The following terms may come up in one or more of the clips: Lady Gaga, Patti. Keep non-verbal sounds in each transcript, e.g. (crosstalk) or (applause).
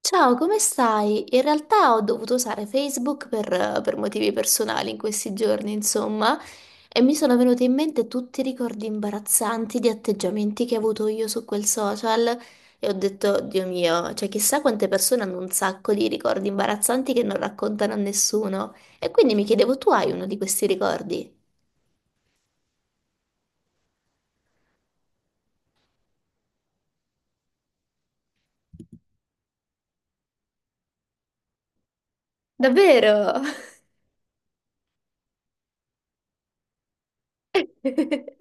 Ciao, come stai? In realtà ho dovuto usare Facebook per motivi personali in questi giorni, insomma, e mi sono venuti in mente tutti i ricordi imbarazzanti di atteggiamenti che ho avuto io su quel social e ho detto, Dio mio, cioè chissà quante persone hanno un sacco di ricordi imbarazzanti che non raccontano a nessuno. E quindi mi chiedevo, tu hai uno di questi ricordi? Davvero? (laughs)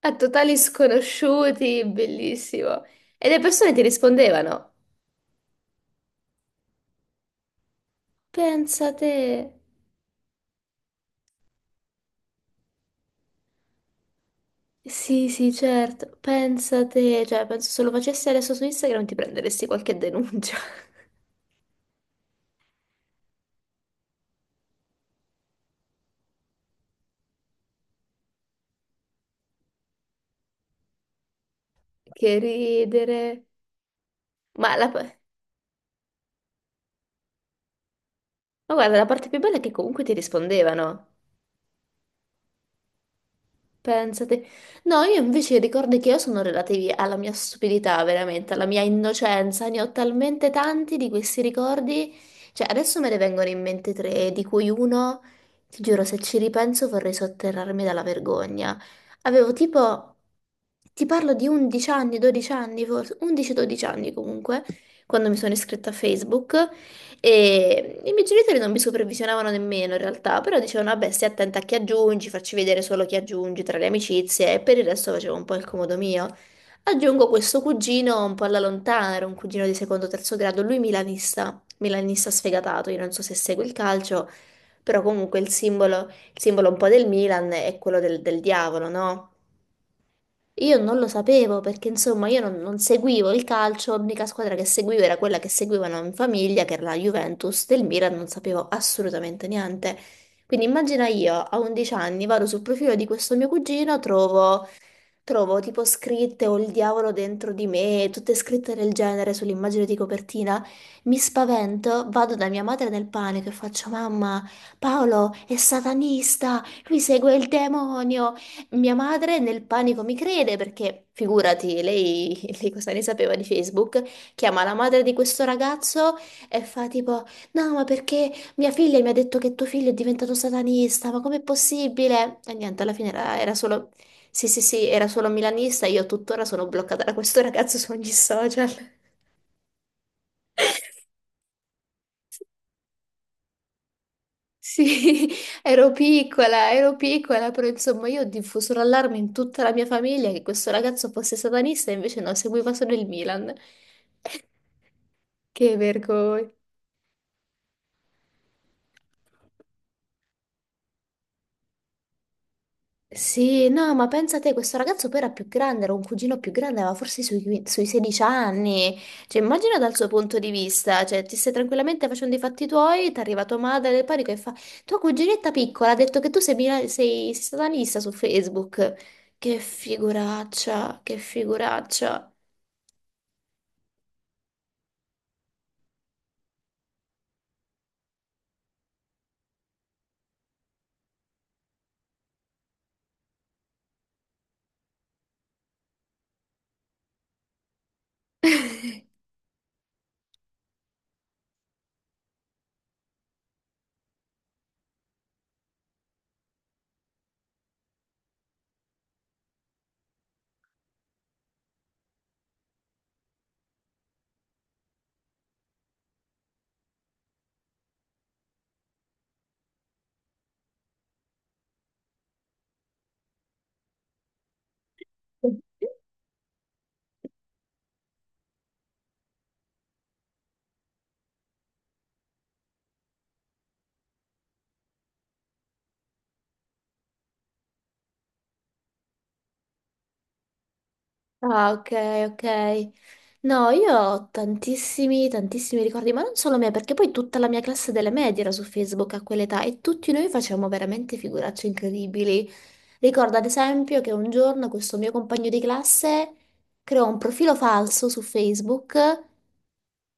A totali sconosciuti, bellissimo. E le persone ti rispondevano. Pensa te. Sì, sì, certo. Pensa te. Cioè, penso se lo facessi adesso su Instagram ti prenderesti qualche denuncia. (laughs) Che ridere. Ma guarda, la parte più bella è che comunque ti rispondevano. Pensate. No, io invece i ricordi che io sono relativi alla mia stupidità, veramente, alla mia innocenza. Ne ho talmente tanti di questi ricordi. Cioè, adesso me ne vengono in mente tre, di cui uno, ti giuro, se ci ripenso vorrei sotterrarmi dalla vergogna. Avevo tipo, ti parlo di 11 anni, 12 anni, forse 11-12 anni comunque, quando mi sono iscritta a Facebook. E i miei genitori non mi supervisionavano nemmeno in realtà, però dicevano, vabbè, stai attenta a chi aggiungi, facci vedere solo chi aggiungi tra le amicizie, e per il resto facevo un po' il comodo mio. Aggiungo questo cugino un po' alla lontana, era un cugino di secondo o terzo grado, lui milanista, milanista sfegatato, io non so se segue il calcio, però comunque il simbolo un po' del Milan è quello del diavolo, no? Io non lo sapevo perché insomma io non seguivo il calcio, l'unica squadra che seguivo era quella che seguivano in famiglia, che era la Juventus del Milan, non sapevo assolutamente niente. Quindi immagina io a 11 anni vado sul profilo di questo mio cugino, trovo tipo scritte o il diavolo dentro di me, tutte scritte del genere sull'immagine di copertina. Mi spavento, vado da mia madre nel panico e faccio: Mamma, Paolo è satanista, lui segue il demonio. Mia madre nel panico mi crede perché, figurati, lei, (laughs) lei cosa ne sapeva di Facebook? Chiama la madre di questo ragazzo e fa tipo: No, ma perché mia figlia mi ha detto che tuo figlio è diventato satanista? Ma com'è possibile? E niente, alla fine era solo sì, sì, sì, era solo milanista, io tuttora sono bloccata da questo ragazzo su ogni social. Sì, (laughs) ero piccola, però insomma io ho diffuso l'allarme in tutta la mia famiglia che questo ragazzo fosse satanista e invece no, seguiva solo il Milan. Che vergogna. Sì, no, ma pensa te, questo ragazzo poi era più grande, era un cugino più grande, aveva forse sui, sui 16 anni. Cioè, immagina dal suo punto di vista, cioè, ti stai tranquillamente facendo i fatti tuoi, ti arriva tua madre del panico e fa, tua cuginetta piccola ha detto che tu sei, sei, sei satanista su Facebook. Che figuraccia, che figuraccia. Ah, ok, ok. No, io ho tantissimi, tantissimi ricordi, ma non solo me, perché poi tutta la mia classe delle medie era su Facebook a quell'età e tutti noi facevamo veramente figuracce incredibili. Ricordo ad esempio che un giorno questo mio compagno di classe creò un profilo falso su Facebook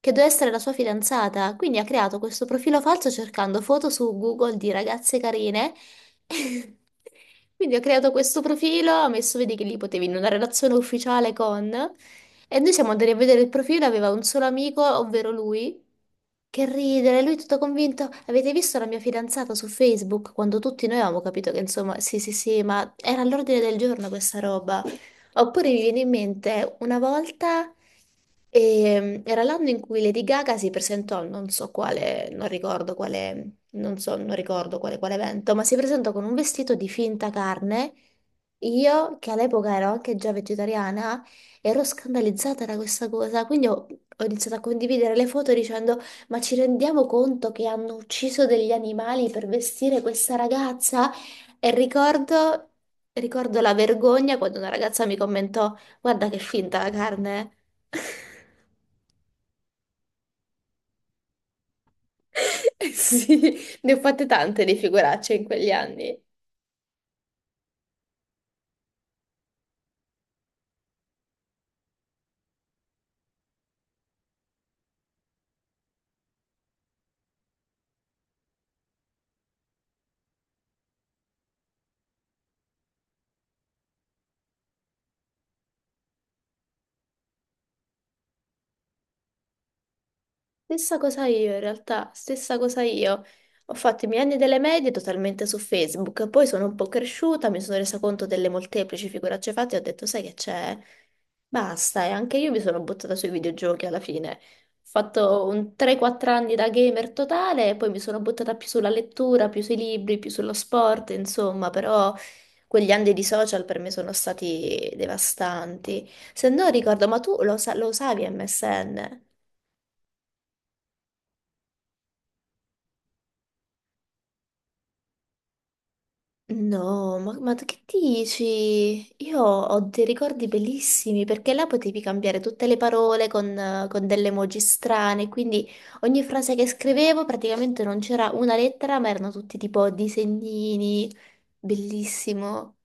che doveva essere la sua fidanzata, quindi ha creato questo profilo falso cercando foto su Google di ragazze carine. (laughs) Quindi ho creato questo profilo, ho messo, vedi che lì potevi in una relazione ufficiale con, e noi siamo andati a vedere il profilo, aveva un solo amico, ovvero lui, che ridere, lui tutto convinto, avete visto la mia fidanzata su Facebook? Quando tutti noi avevamo capito che insomma, sì sì sì, ma era all'ordine del giorno questa roba. Oppure mi viene in mente una volta, era l'anno in cui Lady Gaga si presentò, a non so quale, non ricordo quale non so, non ricordo quale, quale evento, ma si presentò con un vestito di finta carne. Io, che all'epoca ero anche già vegetariana, ero scandalizzata da questa cosa, quindi ho iniziato a condividere le foto dicendo: Ma ci rendiamo conto che hanno ucciso degli animali per vestire questa ragazza? E ricordo la vergogna quando una ragazza mi commentò: Guarda che finta la carne! (laughs) Sì, ne ho fatte tante di figuracce in quegli anni. Stessa cosa io, in realtà, stessa cosa io. Ho fatto i miei anni delle medie totalmente su Facebook, poi sono un po' cresciuta, mi sono resa conto delle molteplici figuracce fatte e ho detto, sai che c'è? Basta, e anche io mi sono buttata sui videogiochi alla fine. Ho fatto un 3-4 anni da gamer totale, e poi mi sono buttata più sulla lettura, più sui libri, più sullo sport, insomma, però quegli anni di social per me sono stati devastanti. Se no ricordo, ma tu lo, lo usavi MSN? No, ma tu che dici? Io ho dei ricordi bellissimi perché là potevi cambiare tutte le parole con delle emoji strane, quindi ogni frase che scrivevo praticamente non c'era una lettera, ma erano tutti tipo disegnini, bellissimo.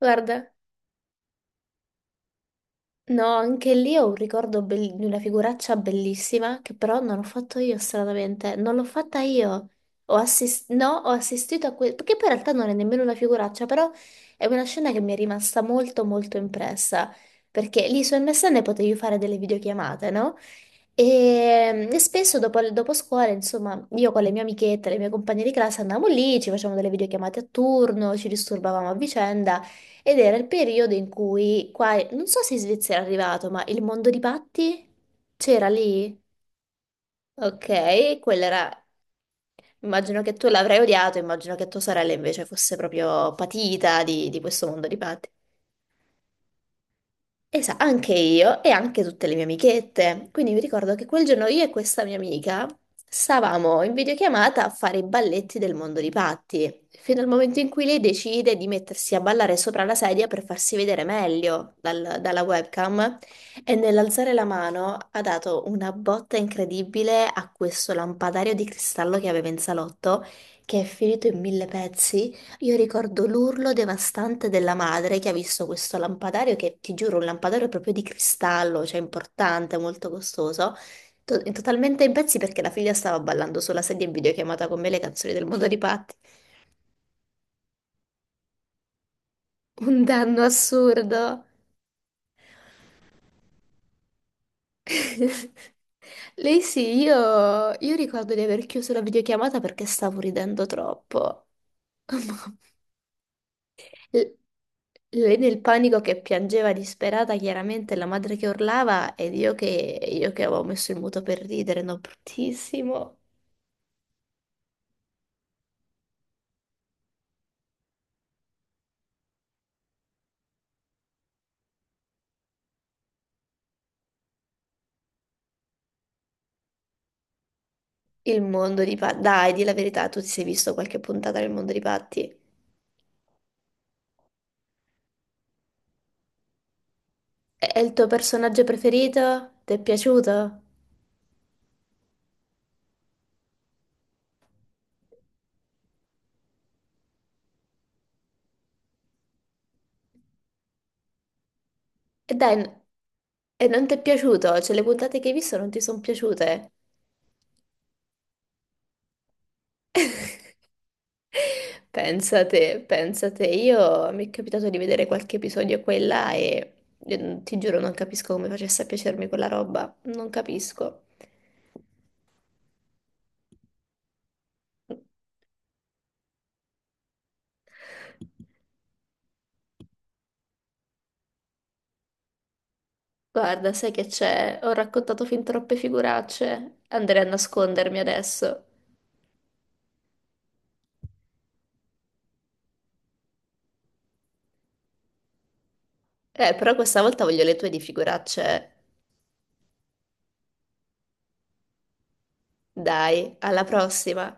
Guarda. No, anche lì ho un ricordo di una figuraccia bellissima che però non ho fatto io stranamente, non l'ho fatta io. Ho assis- no, Ho assistito a questo, perché poi in realtà non è nemmeno una figuraccia, però è una scena che mi è rimasta molto molto impressa, perché lì su MSN potevi fare delle videochiamate, no? E spesso dopo scuola, insomma, io con le mie amichette, le mie compagne di classe andavamo lì, ci facevamo delle videochiamate a turno, ci disturbavamo a vicenda ed era il periodo in cui qua, non so se in Svizzera è arrivato, ma il mondo di Patti c'era lì? Ok, quella era, immagino che tu l'avrai odiato, immagino che tua sorella invece fosse proprio patita di questo mondo di Patti. Anche io e anche tutte le mie amichette. Quindi mi ricordo che quel giorno io e questa mia amica stavamo in videochiamata a fare i balletti del mondo di Patti, fino al momento in cui lei decide di mettersi a ballare sopra la sedia per farsi vedere meglio dalla webcam e nell'alzare la mano ha dato una botta incredibile a questo lampadario di cristallo che aveva in salotto, che è finito in mille pezzi. Io ricordo l'urlo devastante della madre che ha visto questo lampadario, che ti giuro, un lampadario proprio di cristallo, cioè importante, molto costoso, totalmente in pezzi perché la figlia stava ballando sulla sedia in videochiamata con me le canzoni del mondo di Patti. Un danno assurdo. (laughs) Lei sì, io ricordo di aver chiuso la videochiamata perché stavo ridendo troppo. (laughs) L- Lei nel panico che piangeva disperata, chiaramente la madre che urlava ed io che avevo messo il muto per ridere, no, bruttissimo. Il mondo di Patti. Dai, di la verità, tu ti sei visto qualche puntata del mondo di Patti? È il tuo personaggio preferito? Ti è piaciuto? E dai, e non ti è piaciuto? Cioè, le puntate che hai visto non ti sono piaciute? (laughs) Pensate, pensate, io mi è capitato di vedere qualche episodio qua e là e ti giuro non capisco come facesse a piacermi quella roba, non capisco. Guarda, sai che c'è? Ho raccontato fin troppe figuracce, andrei a nascondermi adesso. Però questa volta voglio le tue di figuracce. Dai, alla prossima.